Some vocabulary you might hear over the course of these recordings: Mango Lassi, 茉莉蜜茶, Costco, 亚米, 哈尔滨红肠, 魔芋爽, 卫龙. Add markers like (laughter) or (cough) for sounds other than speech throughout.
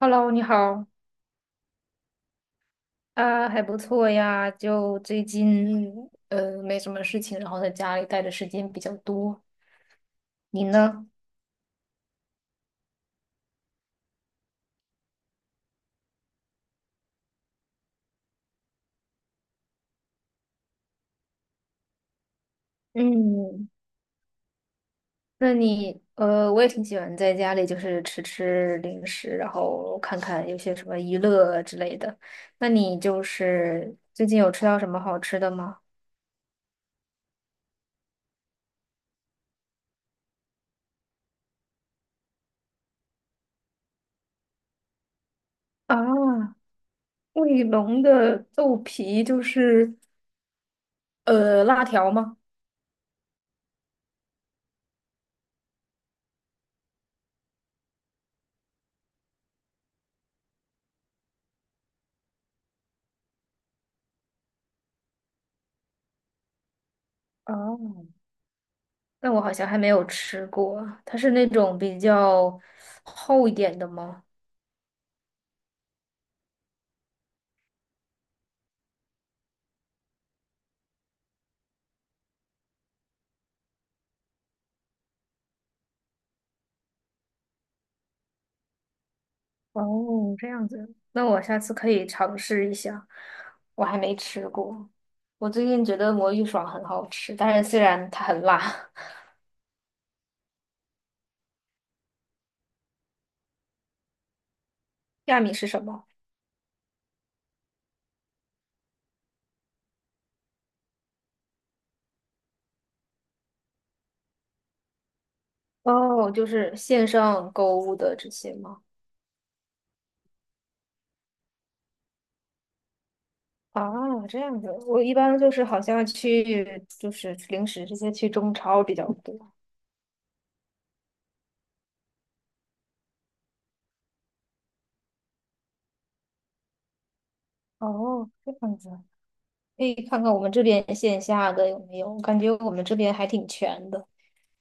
Hello，你好啊，还不错呀。就最近没什么事情，然后在家里待的时间比较多。你呢？嗯，我也挺喜欢在家里就是吃吃零食，然后看看有些什么娱乐之类的。那你就是最近有吃到什么好吃的吗？啊，卫龙的豆皮就是辣条吗？啊。但我好像还没有吃过，它是那种比较厚一点的吗？哦，这样子，那我下次可以尝试一下。我还没吃过，我最近觉得魔芋爽很好吃，但是虽然它很辣。(laughs) 亚米是什么？哦，就是线上购物的这些吗？啊，这样子，我一般就是好像去就是零食这些去中超比较多。哦，这样子。可以看看我们这边线下的有没有，我感觉我们这边还挺全的，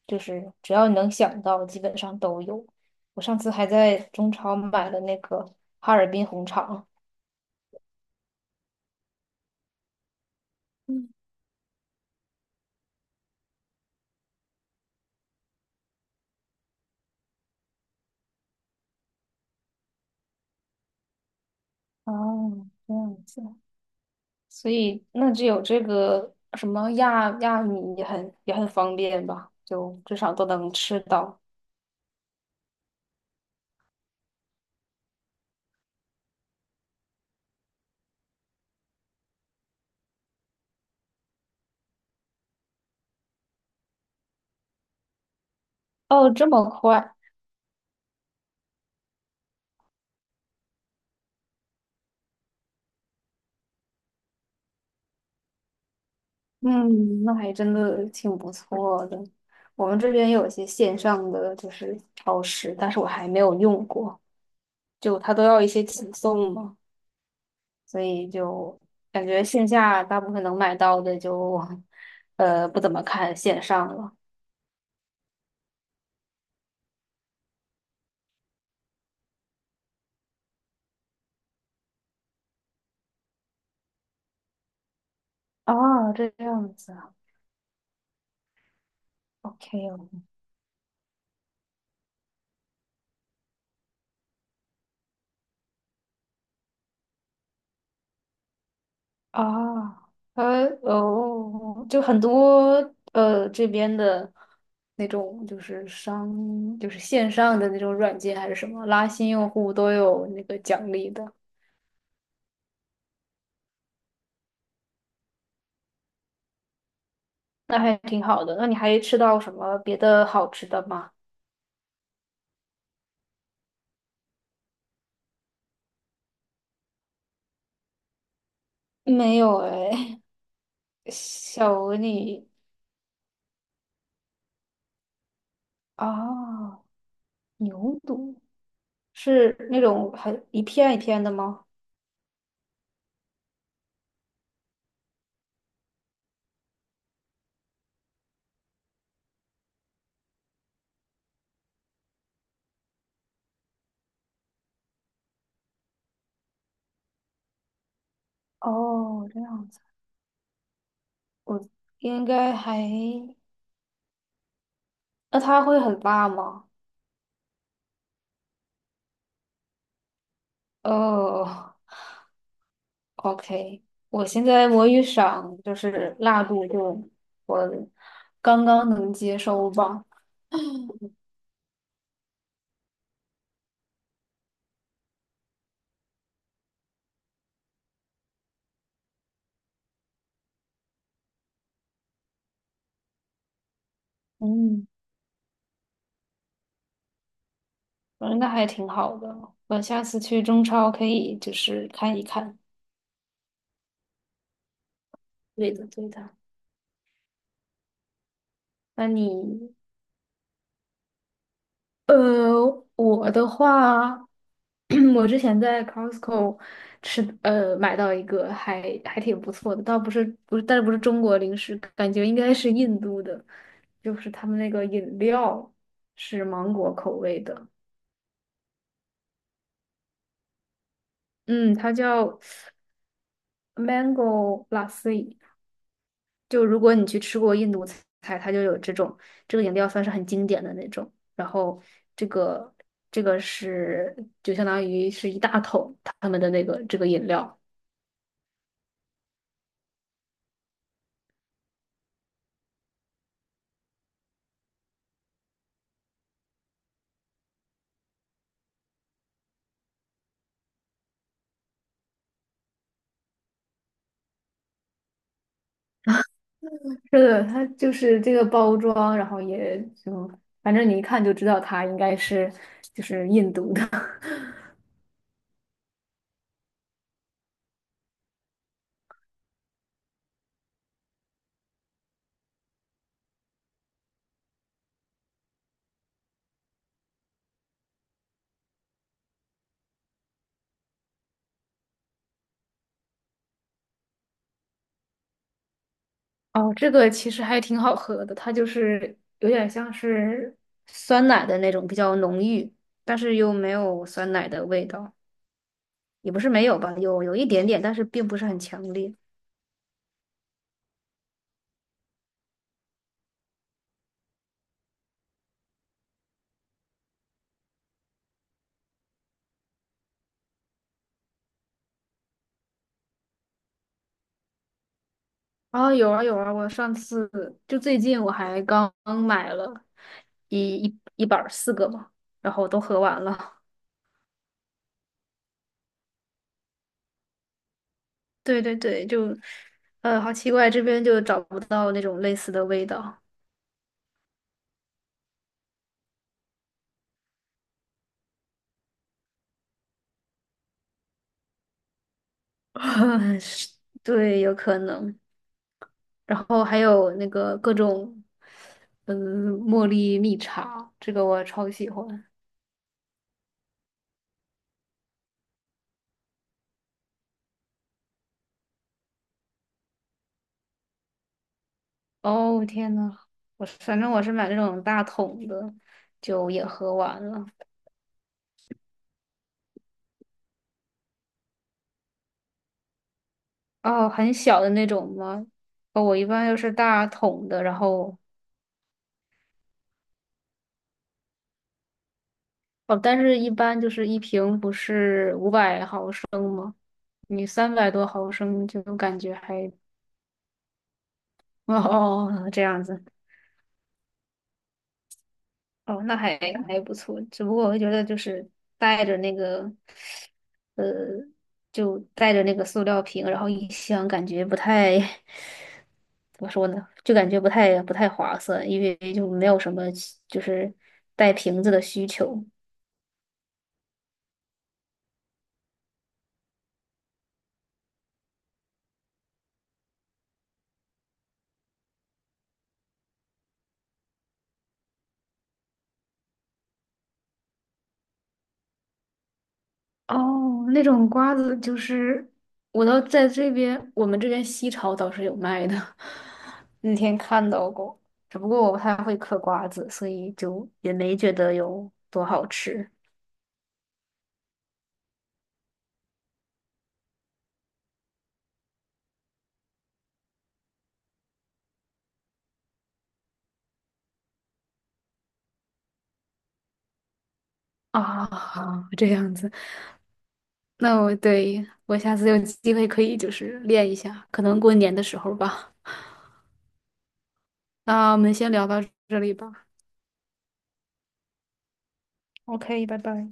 就是只要你能想到，基本上都有。我上次还在中超买了那个哈尔滨红肠。嗯，哦，这样子，所以那只有这个什么亚米也很方便吧，就至少都能吃到。哦，这么快，嗯，那还真的挺不错的。我们这边有一些线上的就是超市，但是我还没有用过。就他都要一些起送嘛，所以就感觉线下大部分能买到的就，不怎么看线上了。啊，这样子啊，OK 哦，啊，哦，就很多这边的那种就是线上的那种软件还是什么，拉新用户都有那个奖励的，那还挺好的。那你还吃到什么别的好吃的吗？没有哎，(laughs) 小鹅你哦，牛肚，是那种很一片一片的吗？哦，这样子，我应该还，那它会很辣吗？哦，OK，我现在魔芋爽就是辣度就我刚刚能接受吧，嗯嗯，那还挺好的。我下次去中超可以就是看一看。对的，对的。那你我的话，(clears throat) 我之前在 Costco 吃，买到一个还挺不错的，倒不是，但是不是中国零食，感觉应该是印度的，就是他们那个饮料是芒果口味的，嗯，它叫 Mango Lassi。就如果你去吃过印度菜，它就有这种，这个饮料算是很经典的那种。然后这个这个是就相当于是一大桶他们的那个这个饮料。是的，它就是这个包装，然后也就反正你一看就知道它应该是就是印度的。(laughs) 哦，这个其实还挺好喝的，它就是有点像是酸奶的那种，比较浓郁，但是又没有酸奶的味道。也不是没有吧，有一点点，但是并不是很强烈。啊，有啊有啊，我上次就最近我还刚买了一板儿四个嘛，然后都喝完了。(laughs) 对对对，就好奇怪，这边就找不到那种类似的味道。(laughs) 是对，有可能。然后还有那个各种，茉莉蜜茶，这个我超喜欢。哦，天呐，我反正我是买那种大桶的，就也喝完了。哦，很小的那种吗？哦，我一般又是大桶的，然后哦，但是一般就是一瓶不是500毫升，你300多毫升就感觉还哦哦这样子，哦，那还不错。只不过我会觉得就是带着那个呃，带着那个塑料瓶，然后一箱感觉不太 (laughs) 怎么说呢，就感觉不太划算，因为就没有什么就是带瓶子的需求。哦，那种瓜子就是我倒在这边，我们这边西超倒是有卖的，那天看到过，只不过我不太会嗑瓜子，所以就也没觉得有多好吃啊。(laughs) 这样子，那我下次有机会可以就是练一下，可能过年的时候吧。那我们先聊到这里吧。OK，拜拜。